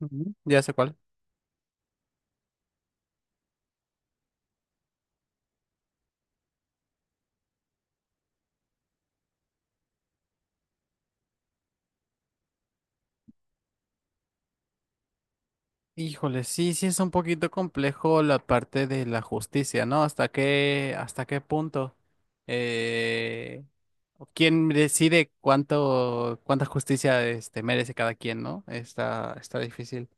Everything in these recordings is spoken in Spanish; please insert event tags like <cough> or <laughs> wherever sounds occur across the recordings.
Ujú, ya sé cuál. Híjole, sí, sí es un poquito complejo la parte de la justicia, ¿no? Hasta qué punto? Eh, ¿Quién decide cuánto, cuánta justicia este, merece cada quien, ¿no? Está, está difícil.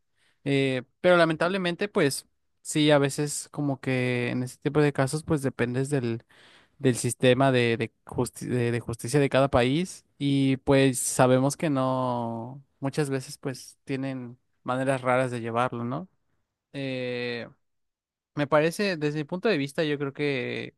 Pero lamentablemente, pues, sí, a veces como que en este tipo de casos, pues dependes del sistema de de justicia de cada país y pues sabemos que no, muchas veces pues tienen maneras raras de llevarlo, ¿no? Eh, Me parece, desde mi punto de vista, yo creo que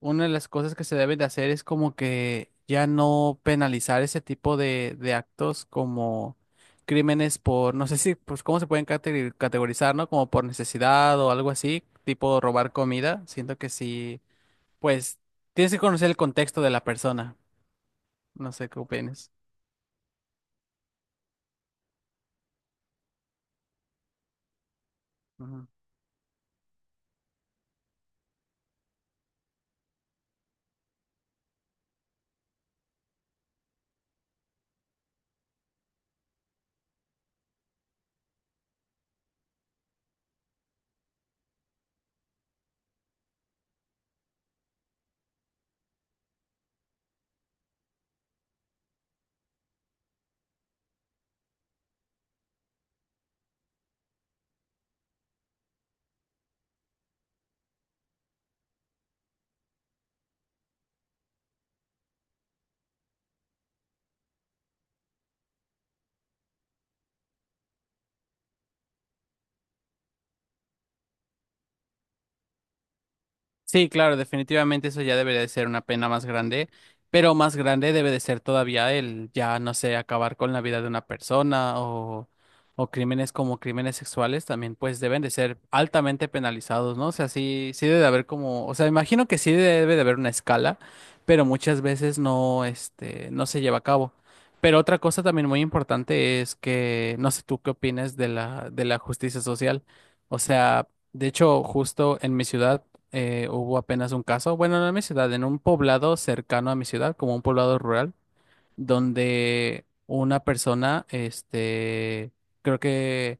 una de las cosas que se deben de hacer es como que ya no penalizar ese tipo de actos como crímenes por, no sé si, pues cómo se pueden categorizar, ¿no? Como por necesidad o algo así, tipo robar comida, siento que sí. Pues tienes que conocer el contexto de la persona. No sé qué opinas. Ujú. Sí, claro, definitivamente eso ya debería de ser una pena más grande, pero más grande debe de ser todavía el ya, no sé, acabar con la vida de una persona o crímenes como crímenes sexuales también, pues deben de ser altamente penalizados, ¿no? O sea, sí, sí debe de haber como, o sea, imagino que sí debe de haber una escala, pero muchas veces no, este, no se lleva a cabo. Pero otra cosa también muy importante es que, no sé tú qué opinas de la justicia social. O sea, de hecho, justo en mi ciudad, hubo apenas un caso, bueno, no en mi ciudad, en un poblado cercano a mi ciudad, como un poblado rural, donde una persona, este, creo que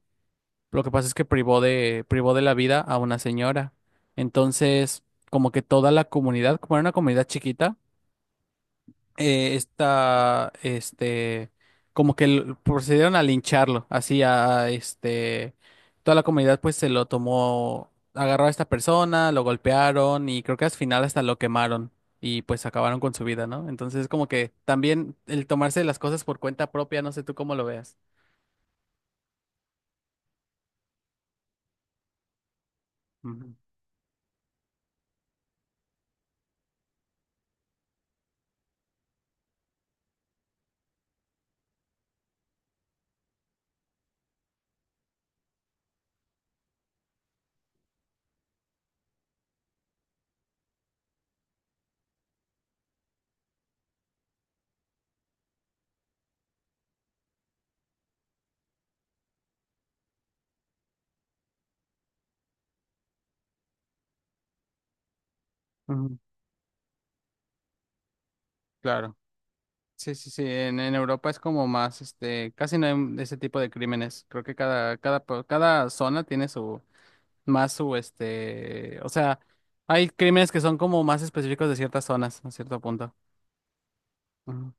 lo que pasa es que privó de la vida a una señora. Entonces, como que toda la comunidad, como era una comunidad chiquita, eh, esta, este, como que procedieron a lincharlo, así a, este, toda la comunidad pues se lo tomó, agarró a esta persona, lo golpearon y creo que al final hasta lo quemaron y pues acabaron con su vida, ¿no? Entonces como que también el tomarse las cosas por cuenta propia, no sé tú cómo lo veas. Ujú, ujú, claro. Sí, sí, sí, en Europa es como más, este, casi no hay ese tipo de crímenes. Creo que cada, cada, cada zona tiene su, más su, este, o sea, hay crímenes que son como más específicos de ciertas zonas, a cierto punto. Ujú,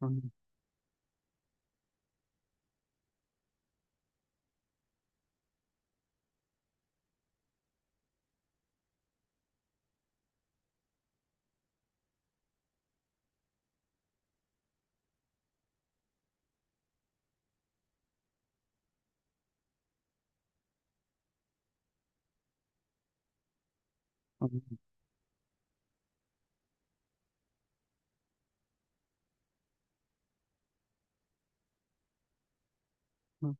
ujú, ujú, ujú,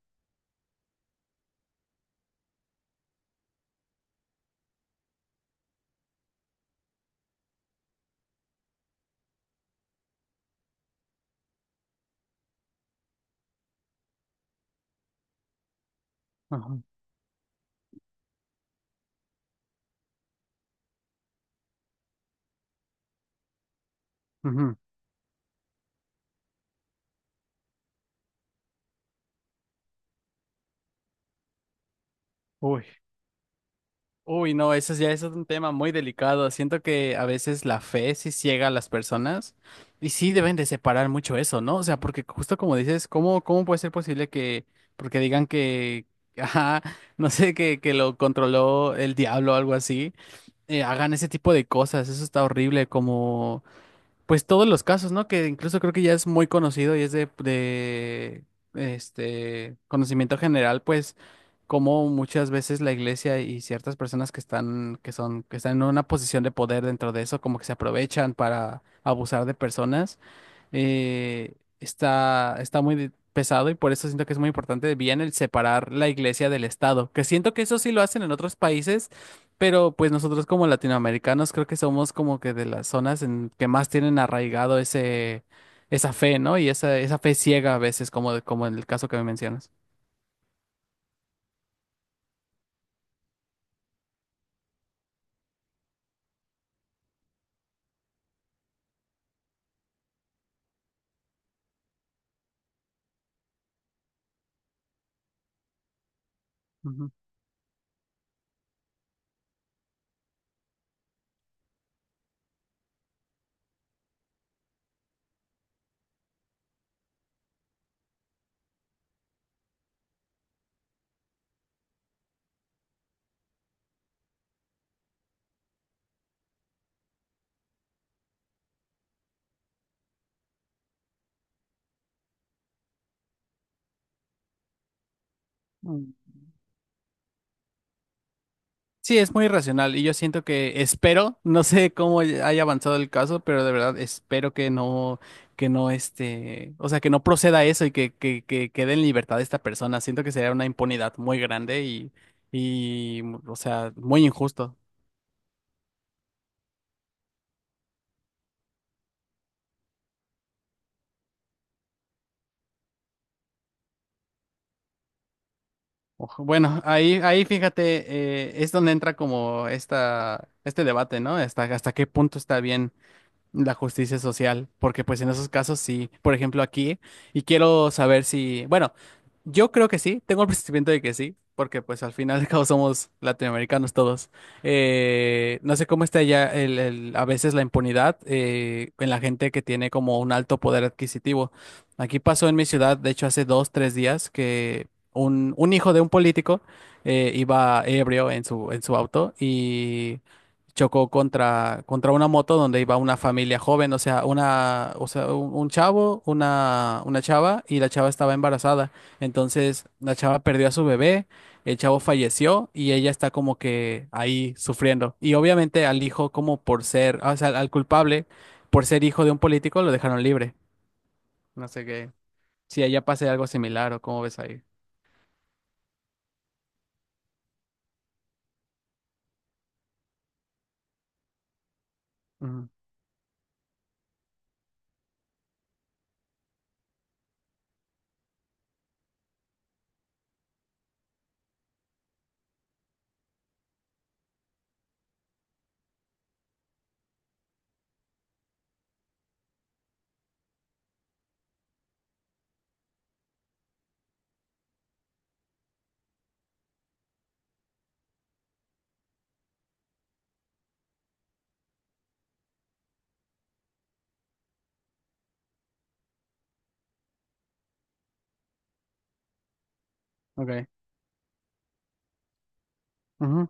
ujú, ujú. Uy, uy, no, eso ya es un tema muy delicado. Siento que a veces la fe sí ciega a las personas y sí deben de separar mucho eso, ¿no? O sea, porque justo como dices, ¿cómo, cómo puede ser posible que, porque digan que, <laughs> ajá, no sé, que lo controló el diablo o algo así? Hagan ese tipo de cosas, eso está horrible, como pues todos los casos, ¿no? Que incluso creo que ya es muy conocido y es de, este conocimiento general, pues, como muchas veces la iglesia y ciertas personas que están, que son, que están en una posición de poder dentro de eso, como que se aprovechan para abusar de personas, Está, está muy pesado y por eso siento que es muy importante bien el separar la iglesia del Estado, que siento que eso sí lo hacen en otros países, pero pues nosotros como latinoamericanos creo que somos como que de las zonas en que más tienen arraigado ese, esa fe, ¿no? Y esa fe ciega a veces, como, como en el caso que me mencionas. Ujú. Mm. Sí, es muy irracional y yo siento que espero, <laughs> no sé cómo haya avanzado el caso, pero de verdad espero que no este, o sea, que no proceda eso y que quede en libertad esta persona. Siento que sería una impunidad muy grande y, o sea, muy injusto. Ojo, bueno, ahí, ahí fíjate, es donde entra como esta, este debate, ¿no? Hasta, hasta qué punto está bien la justicia social, porque pues en esos casos sí, por ejemplo aquí, y quiero saber si, bueno, yo creo que sí, tengo el <laughs> presentimiento de que sí, porque pues al final de cabo somos latinoamericanos todos. No sé cómo está ya el, a veces la impunidad en la gente que tiene como un alto poder adquisitivo. Aquí pasó en mi ciudad, de hecho hace dos, tres días, que un hijo de un político iba ebrio en su auto y chocó contra, contra una moto donde iba una familia joven, o sea, una, o sea, un chavo, una chava, y la chava estaba embarazada. Entonces, la chava perdió a su bebé, el chavo falleció y ella está como que ahí sufriendo. Y obviamente al hijo, como por ser, o sea, al culpable, por ser hijo de un político, lo dejaron libre. No sé qué. Si allá pase algo similar o cómo ves ahí. Ujú, ok. Ujú.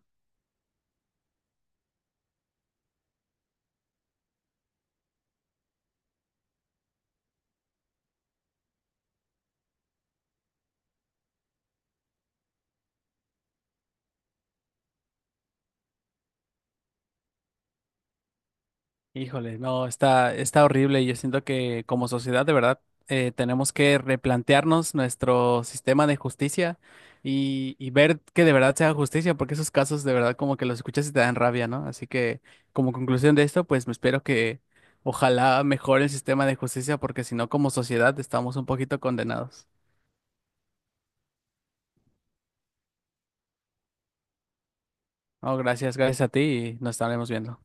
Híjole, no, está, está horrible. Yo siento que como sociedad, de verdad, tenemos que replantearnos nuestro sistema de justicia y ver que de verdad sea justicia, porque esos casos de verdad como que los escuchas y te dan rabia, ¿no? Así que como conclusión de esto, pues me espero que ojalá mejore el sistema de justicia, porque si no, como sociedad estamos un poquito condenados. No, gracias, gracias a ti y nos estaremos viendo.